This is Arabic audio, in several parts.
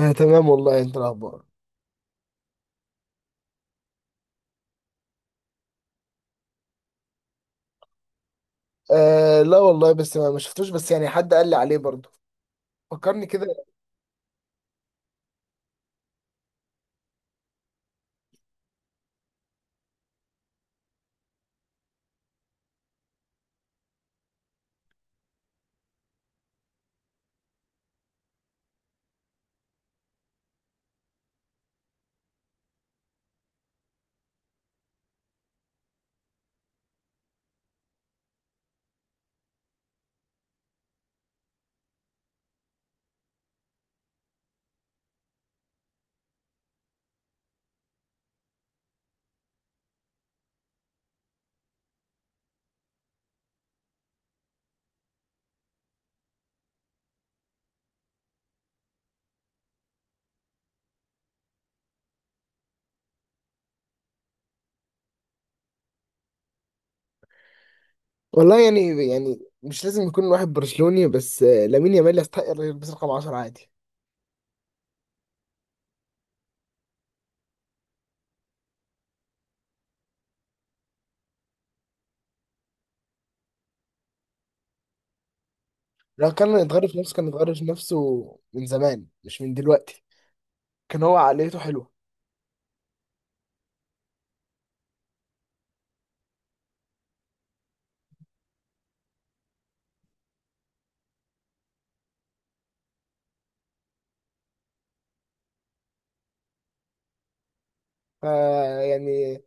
آه، تمام والله. انت الاخبار؟ آه، لا والله، بس ما شفتوش، بس يعني حد قال لي عليه برضه. فكرني كده. والله يعني مش لازم يكون واحد برشلوني، بس لامين يامال يستحق يلبس رقم 10 عادي. لو كان يتغير في نفسه، كان يتغير في نفسه من زمان، مش من دلوقتي. كان هو عقليته حلوه. فا يعني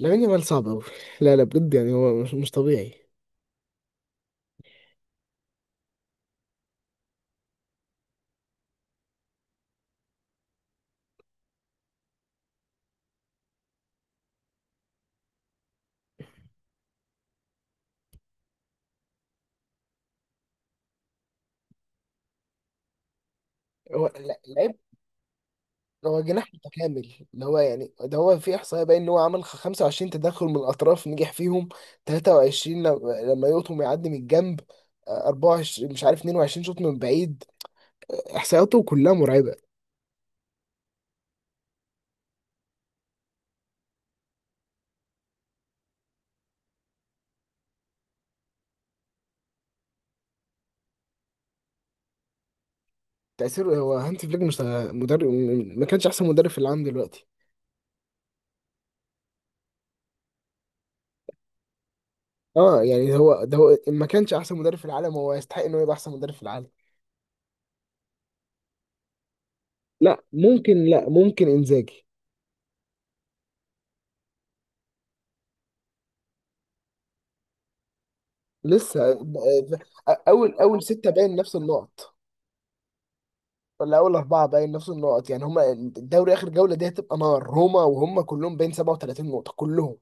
لامين يامال صعب قوي. لا لا، بجد يعني هو مش طبيعي. هو لعيب. هو جناح متكامل، اللي هو يعني ده هو، في احصائيه باين ان هو عمل 25 تدخل من الاطراف نجح فيهم. 23 لما يقطم يعدي من الجنب. 24 مش عارف، 22 شوط من بعيد. احصائياته كلها مرعبه. تاثيره، هو هانسي فليك مش مدرب، ما كانش احسن مدرب في العالم دلوقتي. اه يعني هو ده. هو ما كانش احسن مدرب في العالم، هو يستحق انه يبقى احسن مدرب في العالم. لا ممكن، لا ممكن انزاجي. لسه اول اول سته باين نفس النقط، ولا اول اربعه باين نفس النقط. يعني هما الدوري اخر جوله دي هتبقى نار. روما وهم كلهم باين 37 نقطه كلهم.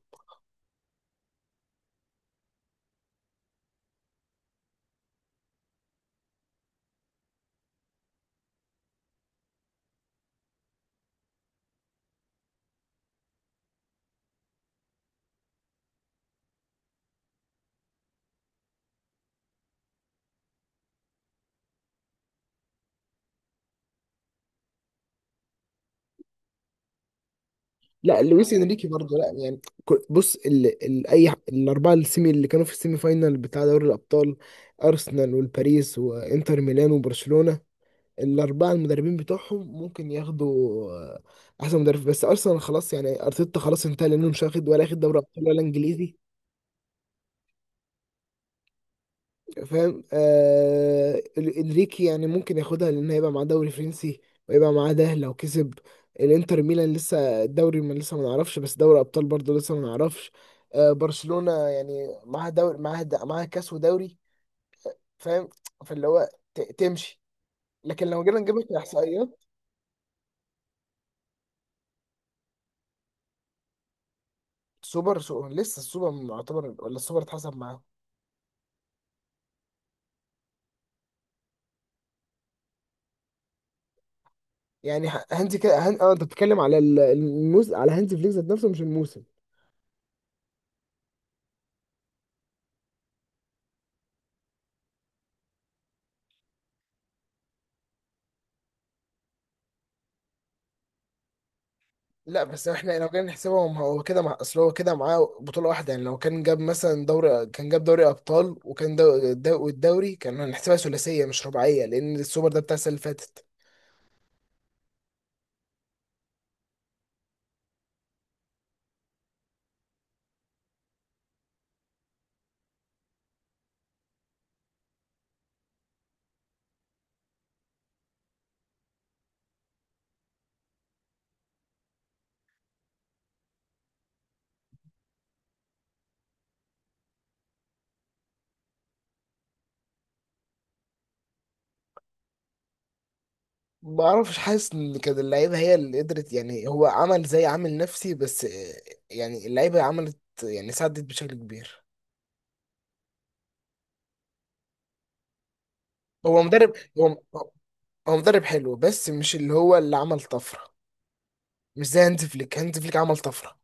لا، لويس انريكي برضه، لا يعني. بص، اي الاربعه السيمي اللي كانوا في السيمي فاينال بتاع دوري الابطال. ارسنال والباريس وانتر ميلان وبرشلونه. الاربعه المدربين بتوعهم ممكن ياخدوا آه، احسن مدرب. بس ارسنال خلاص، يعني ارتيتا خلاص انتهى، لانه مش واخد ولا اخد دوري ابطال ولا انجليزي. فاهم. انريكي يعني ممكن ياخدها، لان هيبقى معاه دوري فرنسي، ويبقى معاه، ده لو كسب. الانتر ميلان لسه الدوري ما نعرفش، بس دوري ابطال برضه لسه ما نعرفش. برشلونة يعني معاها دوري، معاها معاها كاس ودوري. فاهم. فاللي هو تمشي. لكن لو جينا نجيبها كاحصائيات. سوبر سو لسه السوبر معتبر، ولا السوبر اتحسب معاه؟ يعني هانزي كده اه، انت بتتكلم على على هانزي فليك ذات نفسه، مش الموسم. لا بس احنا لو جينا نحسبهم هو كده، مع اصل هو كده معاه بطولة واحدة. يعني لو كان جاب مثلا دوري، كان جاب دوري ابطال، وكان والدوري، كان هنحسبها ثلاثية مش رباعية، لان السوبر ده بتاع السنة اللي فاتت. ما اعرفش. حاسس ان كده اللعيبة هي اللي قدرت، يعني هو عمل زي عامل نفسي بس. يعني اللعيبة عملت، يعني ساعدت بشكل كبير. هو مدرب. هو مدرب حلو، بس مش اللي هو اللي عمل طفرة. مش زي هانز فليك. هانز فليك عمل طفرة،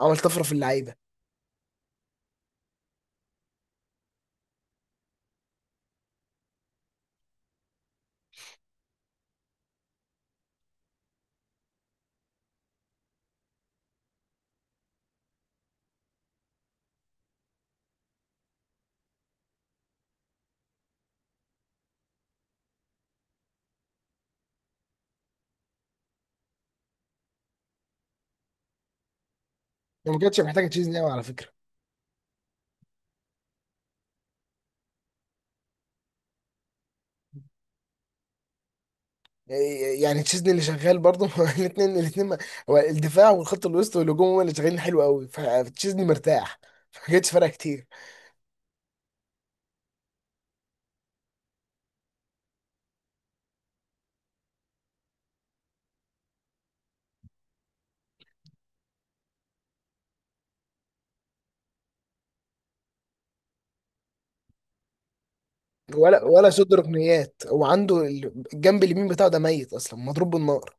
عمل طفرة في اللعيبة. هو ما كانتش محتاجة تشيزني قوي على فكرة. يعني تشيزني اللي شغال برضه. الاثنين الاثنين هو الدفاع والخط الوسط والهجوم هم اللي شغالين حلو قوي، فتشيزني مرتاح. ما جاتش فرق كتير. ولا شد ركنيات. هو عنده الجنب اليمين بتاعه ده ميت اصلا، مضروب بالنار.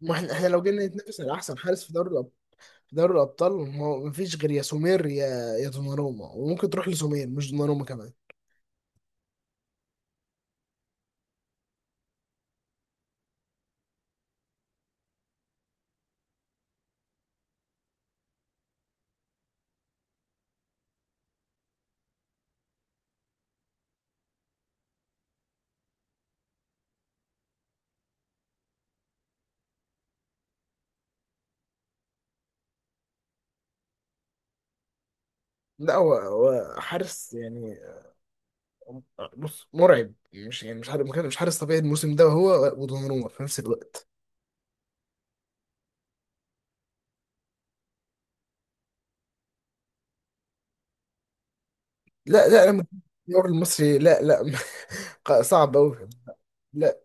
ما احنا لو جينا نتنافس على احسن حارس في دوري الابطال. في دوري الابطال ما فيش غير يا سومير، يا دوناروما. وممكن تروح لسومير مش دوناروما كمان. لا، هو حارس يعني. بص مرعب، مش يعني مش حارس طبيعي الموسم ده، هو ودوناروما في نفس الوقت. لا لا انا. الدوري المصري لا لا. صعب قوي. لا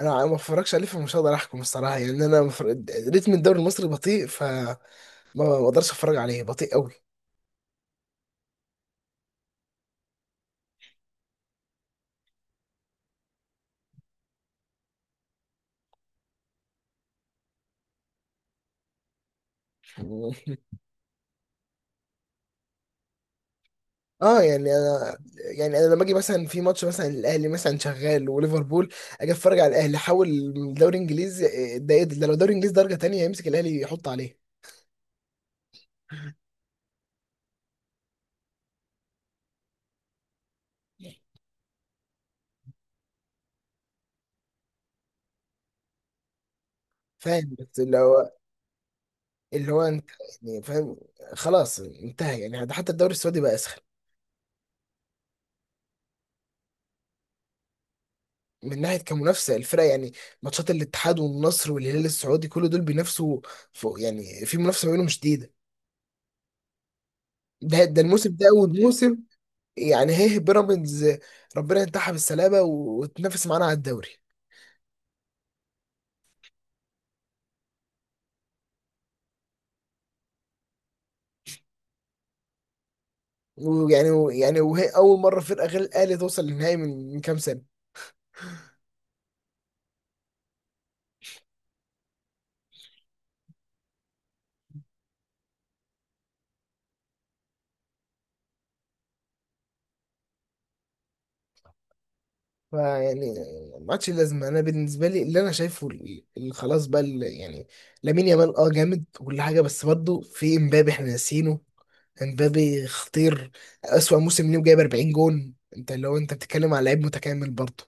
انا ما اتفرجش عليه، فمش هقدر احكم الصراحه. يعني انا ريتم الدوري المصري بطيء، ما اقدرش اتفرج عليه، بطيء قوي. اه يعني انا. يعني انا لما اجي مثلا في ماتش مثلا، الاهلي مثلا شغال وليفربول، اجي اتفرج على الاهلي، حاول. من دوري انجليزي إيه ده ايه ده ده لو دوري انجليزي درجه تانية، يمسك الاهلي يحط عليه. فاهم، بس اللي هو، اللي هو انت، يعني فاهم. خلاص انتهى، يعني حتى الدوري السعودي بقى اسخن. من ناحيه كمنافسه الفرق يعني. ماتشات الاتحاد والنصر والهلال السعودي كل دول بينافسوا فوق، يعني في منافسه ما بينهم شديده. ده الموسم ده اول موسم، يعني هيه بيراميدز. ربنا ينتحها بالسلامه وتنافس معانا على الدوري. ويعني وهي اول مره فرقه غير الاهلي توصل للنهائي من كام سنه. فيعني ما عادش لازمه. انا بالنسبه لي اللي انا شايفه خلاص بقى، يعني لامين يامال اه جامد وكل حاجه، بس برضه في امبابي احنا ناسينه. امبابي خطير، أسوأ موسم ليه وجايب 40 جون. انت لو انت بتتكلم على لعيب متكامل برضه.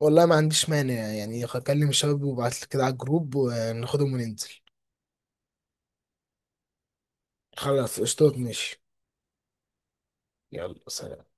والله ما عنديش مانع، يعني هكلم الشباب وابعت لك كده على الجروب وناخدهم وننزل. خلاص قشطات ماشي. يلا سلام.